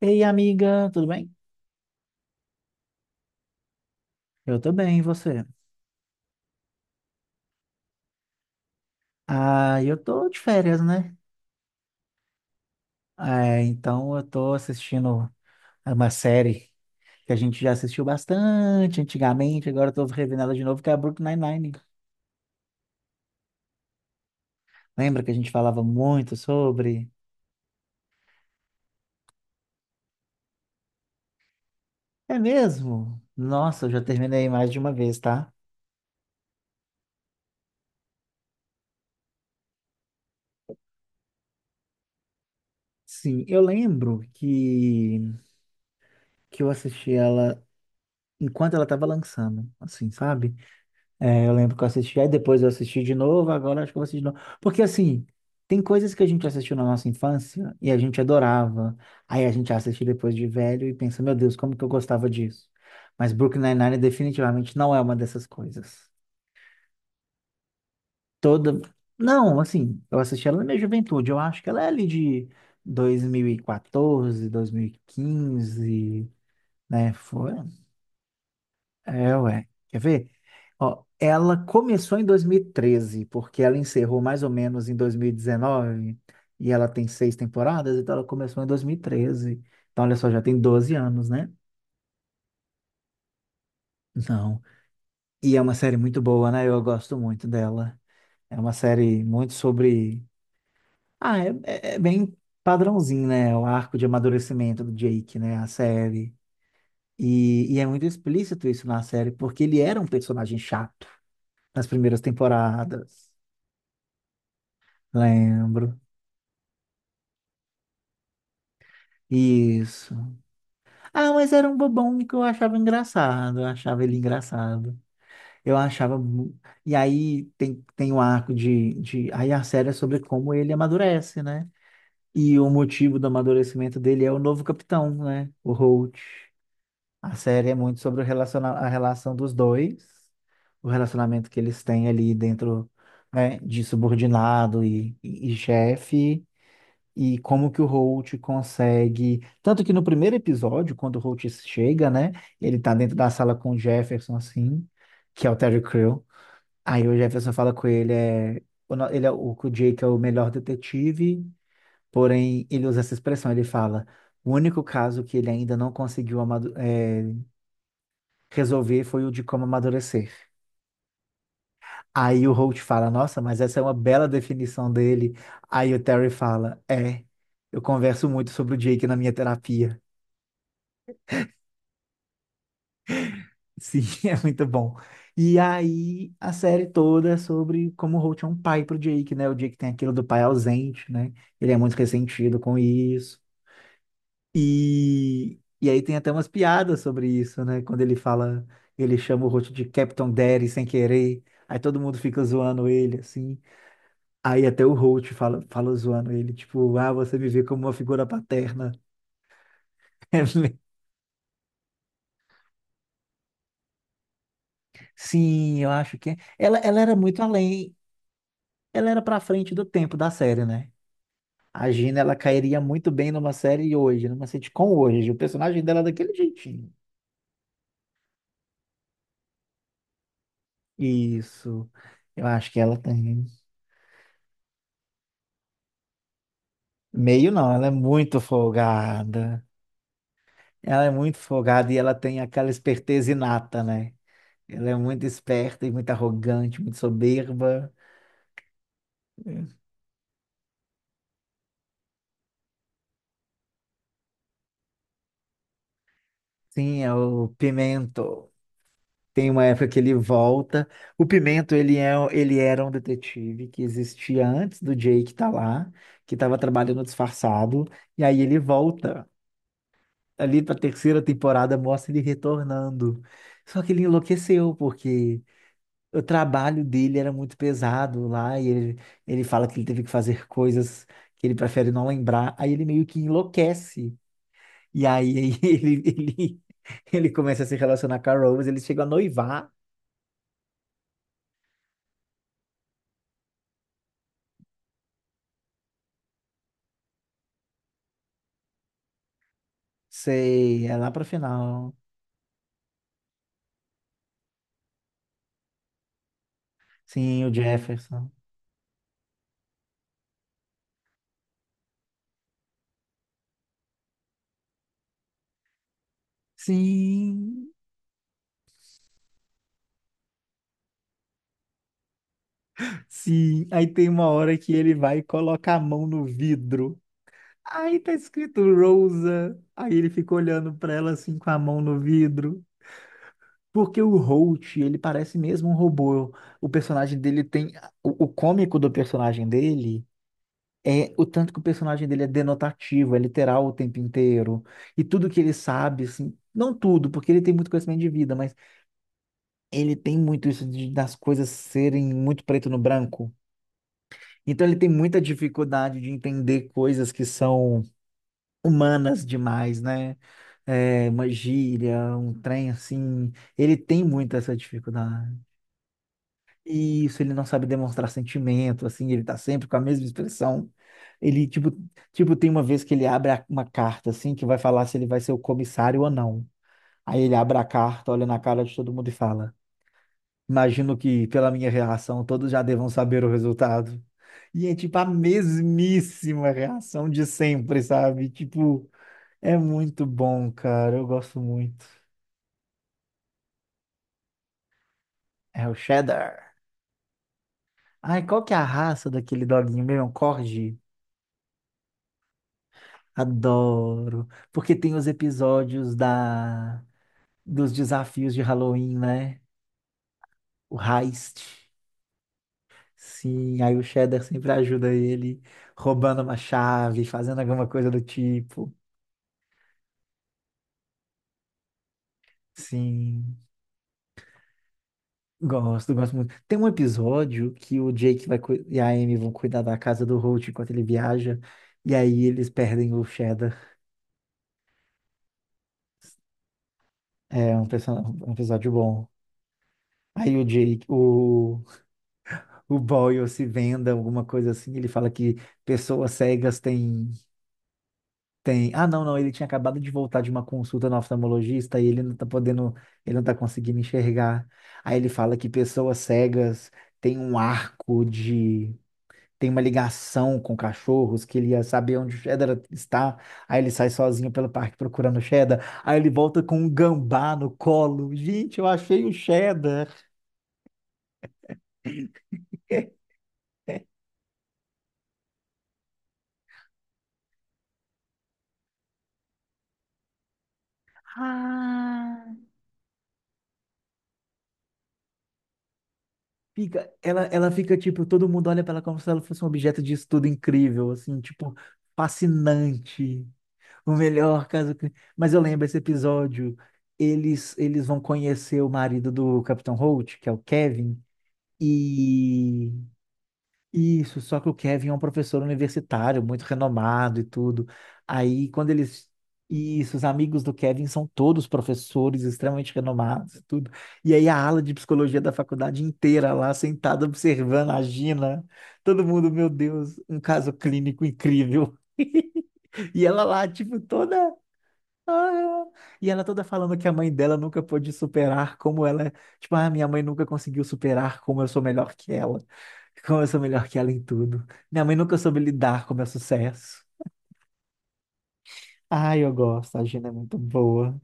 Ei, amiga, tudo bem? Eu tô bem, e você? Ah, eu tô de férias, né? Ah, então eu tô assistindo uma série que a gente já assistiu bastante antigamente, agora eu tô revendo ela de novo, que é a Brooklyn Nine-Nine. Lembra que a gente falava muito sobre? É mesmo? Nossa, eu já terminei mais de uma vez, tá? Sim, eu lembro que eu assisti ela enquanto ela estava lançando, assim, sabe? É, eu lembro que eu assisti, aí depois eu assisti de novo, agora acho que eu vou assistir de novo. Porque assim, tem coisas que a gente assistiu na nossa infância e a gente adorava. Aí a gente assiste depois de velho e pensa, meu Deus, como que eu gostava disso? Mas Brooklyn Nine-Nine definitivamente não é uma dessas coisas. Toda. Não, assim, eu assisti ela na minha juventude, eu acho que ela é ali de 2014, 2015, né? Foi. É, ué. Quer ver? Ó, ela começou em 2013, porque ela encerrou mais ou menos em 2019, e ela tem seis temporadas, então ela começou em 2013. Então, olha só, já tem 12 anos, né? Não. E é uma série muito boa, né? Eu gosto muito dela. É uma série muito sobre. Ah, é bem padrãozinho, né? O arco de amadurecimento do Jake, né? A série. E é muito explícito isso na série, porque ele era um personagem chato nas primeiras temporadas. Lembro. Isso. Ah, mas era um bobão que eu achava engraçado. Eu achava ele engraçado. Eu achava. E aí tem um arco de. Aí a série é sobre como ele amadurece, né? E o motivo do amadurecimento dele é o novo capitão, né? O Holt. A série é muito sobre o a relação dos dois, o relacionamento que eles têm ali dentro, né? De subordinado e chefe. E como que o Holt consegue. Tanto que no primeiro episódio, quando o Holt chega, né? Ele tá dentro da sala com o Jefferson, assim, que é o Terry Crew. Aí o Jefferson fala com ele, é, o no- ele é o, que o Jake é o melhor detetive, porém ele usa essa expressão, ele fala. O único caso que ele ainda não conseguiu resolver foi o de como amadurecer. Aí o Holt fala, nossa, mas essa é uma bela definição dele. Aí o Terry fala, é, eu converso muito sobre o Jake na minha terapia. Sim, é muito bom. E aí a série toda é sobre como o Holt é um pai pro Jake, né? O Jake tem aquilo do pai ausente, né? Ele é muito ressentido com isso. E aí tem até umas piadas sobre isso, né? Quando ele fala, ele chama o Holt de Captain Daddy sem querer. Aí todo mundo fica zoando ele, assim. Aí até o Holt fala, zoando ele, tipo, ah, você me vê como uma figura paterna. Sim, eu acho que é. Ela era muito além, ela era pra frente do tempo da série, né? A Gina, ela cairia muito bem numa série hoje, numa sitcom hoje. O personagem dela é daquele jeitinho. Isso. Eu acho que ela tem. Meio não, ela é muito folgada. Ela é muito folgada e ela tem aquela esperteza inata, né? Ela é muito esperta e muito arrogante, muito soberba. Sim, é o Pimento. Tem uma época que ele volta. O Pimento, ele era um detetive que existia antes do Jake tá lá, que estava trabalhando disfarçado, e aí ele volta. Ali para a terceira temporada mostra ele retornando. Só que ele enlouqueceu, porque o trabalho dele era muito pesado lá, ele fala que ele teve que fazer coisas que ele prefere não lembrar, aí ele meio que enlouquece. E aí, ele começa a se relacionar com a Rose, eles chegam a noivar. Sei, é lá pra final. Sim, o Jefferson. Sim, sim. Aí tem uma hora que ele vai e coloca a mão no vidro. Aí tá escrito Rosa. Aí ele fica olhando pra ela assim com a mão no vidro. Porque o Holt, ele parece mesmo um robô. O personagem dele tem. O cômico do personagem dele é o tanto que o personagem dele é denotativo, é literal o tempo inteiro. E tudo que ele sabe, assim. Não tudo, porque ele tem muito conhecimento de vida, mas ele tem muito isso das coisas serem muito preto no branco. Então ele tem muita dificuldade de entender coisas que são humanas demais, né? É, uma gíria, um trem assim. Ele tem muito essa dificuldade. E isso, ele não sabe demonstrar sentimento, assim, ele tá sempre com a mesma expressão. Ele, tipo, tem uma vez que ele abre uma carta, assim, que vai falar se ele vai ser o comissário ou não. Aí ele abre a carta, olha na cara de todo mundo e fala. Imagino que, pela minha reação, todos já devam saber o resultado. E é tipo a mesmíssima reação de sempre, sabe? Tipo, é muito bom, cara. Eu gosto muito. É o cheddar. Ai, qual que é a raça daquele doguinho mesmo? É um Corgi? Adoro. Porque tem os episódios da dos desafios de Halloween, né? O heist. Sim, aí o cheddar sempre ajuda ele, roubando uma chave, fazendo alguma coisa do tipo. Sim. Gosto muito. Tem um episódio que o Jake e a Amy vão cuidar da casa do Holt enquanto ele viaja, e aí eles perdem o Cheddar. É um episódio bom. Aí o Boyle se venda, alguma coisa assim, ele fala que pessoas cegas têm. Ah, não, não, ele tinha acabado de voltar de uma consulta no oftalmologista e ele não tá podendo, ele não tá conseguindo enxergar. Aí ele fala que pessoas cegas têm um arco tem uma ligação com cachorros, que ele ia saber onde o Cheddar está. Aí ele sai sozinho pelo parque procurando o Cheddar. Aí ele volta com um gambá no colo. Gente, eu achei o Cheddar. Ela fica tipo, todo mundo olha para ela como se ela fosse um objeto de estudo incrível, assim, tipo, fascinante. O melhor caso. Mas eu lembro esse episódio. Eles vão conhecer o marido do Capitão Holt, que é o Kevin, e Isso, só que o Kevin é um professor universitário, muito renomado e tudo. Aí, quando eles. Isso, os amigos do Kevin são todos professores extremamente renomados e tudo. E aí, a ala de psicologia da faculdade inteira lá, sentada observando a Gina. Todo mundo, meu Deus, um caso clínico incrível. E ela lá, tipo, toda. ah, E ela toda falando que a mãe dela nunca pôde superar como ela, tipo, ah, minha mãe nunca conseguiu superar como eu sou melhor que ela, como eu sou melhor que ela em tudo. Minha mãe nunca soube lidar com o meu sucesso. Ai, eu gosto, a Gina é muito boa.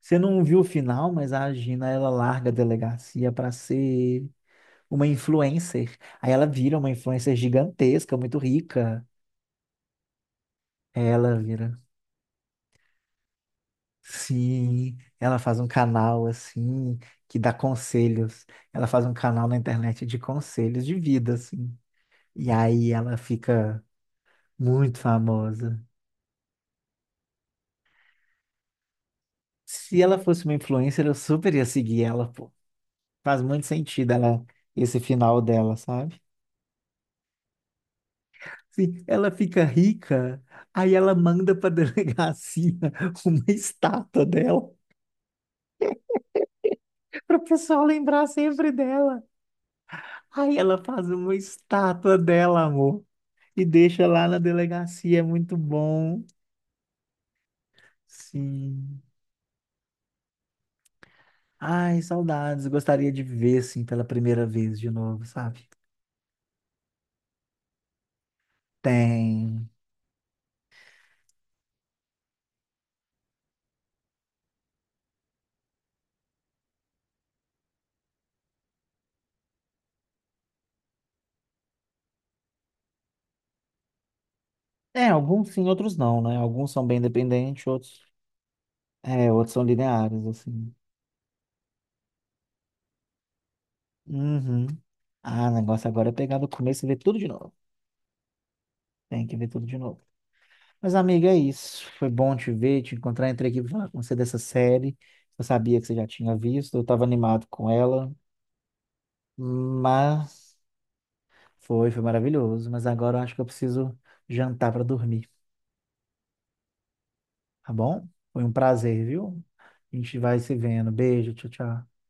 Você não viu o final, mas a Gina, ela larga a delegacia para ser uma influencer. Aí ela vira uma influencer gigantesca, muito rica. Ela vira. Sim, ela faz um canal assim que dá conselhos. Ela faz um canal na internet de conselhos de vida, assim. E aí ela fica muito famosa. Se ela fosse uma influencer, eu super ia seguir ela, pô. Faz muito sentido ela, esse final dela, sabe? Sim, ela fica rica, aí ela manda pra delegacia uma estátua dela, para o pessoal lembrar sempre dela. Aí ela faz uma estátua dela, amor. E deixa lá na delegacia, é muito bom. Sim. Ai, saudades. Gostaria de ver, assim, pela primeira vez de novo, sabe? Tem. É, alguns sim, outros não, né? Alguns são bem independentes, outros são lineares, assim. Uhum. Ah, o negócio agora é pegar do começo e ver tudo de novo. Tem que ver tudo de novo. Mas, amiga, é isso. Foi bom te ver, te encontrar. Entrei aqui pra falar com você dessa série. Eu sabia que você já tinha visto, eu estava animado com ela, mas. Foi maravilhoso, mas agora eu acho que eu preciso jantar para dormir, tá bom? Foi um prazer, viu? A gente vai se vendo. Beijo, tchau, tchau.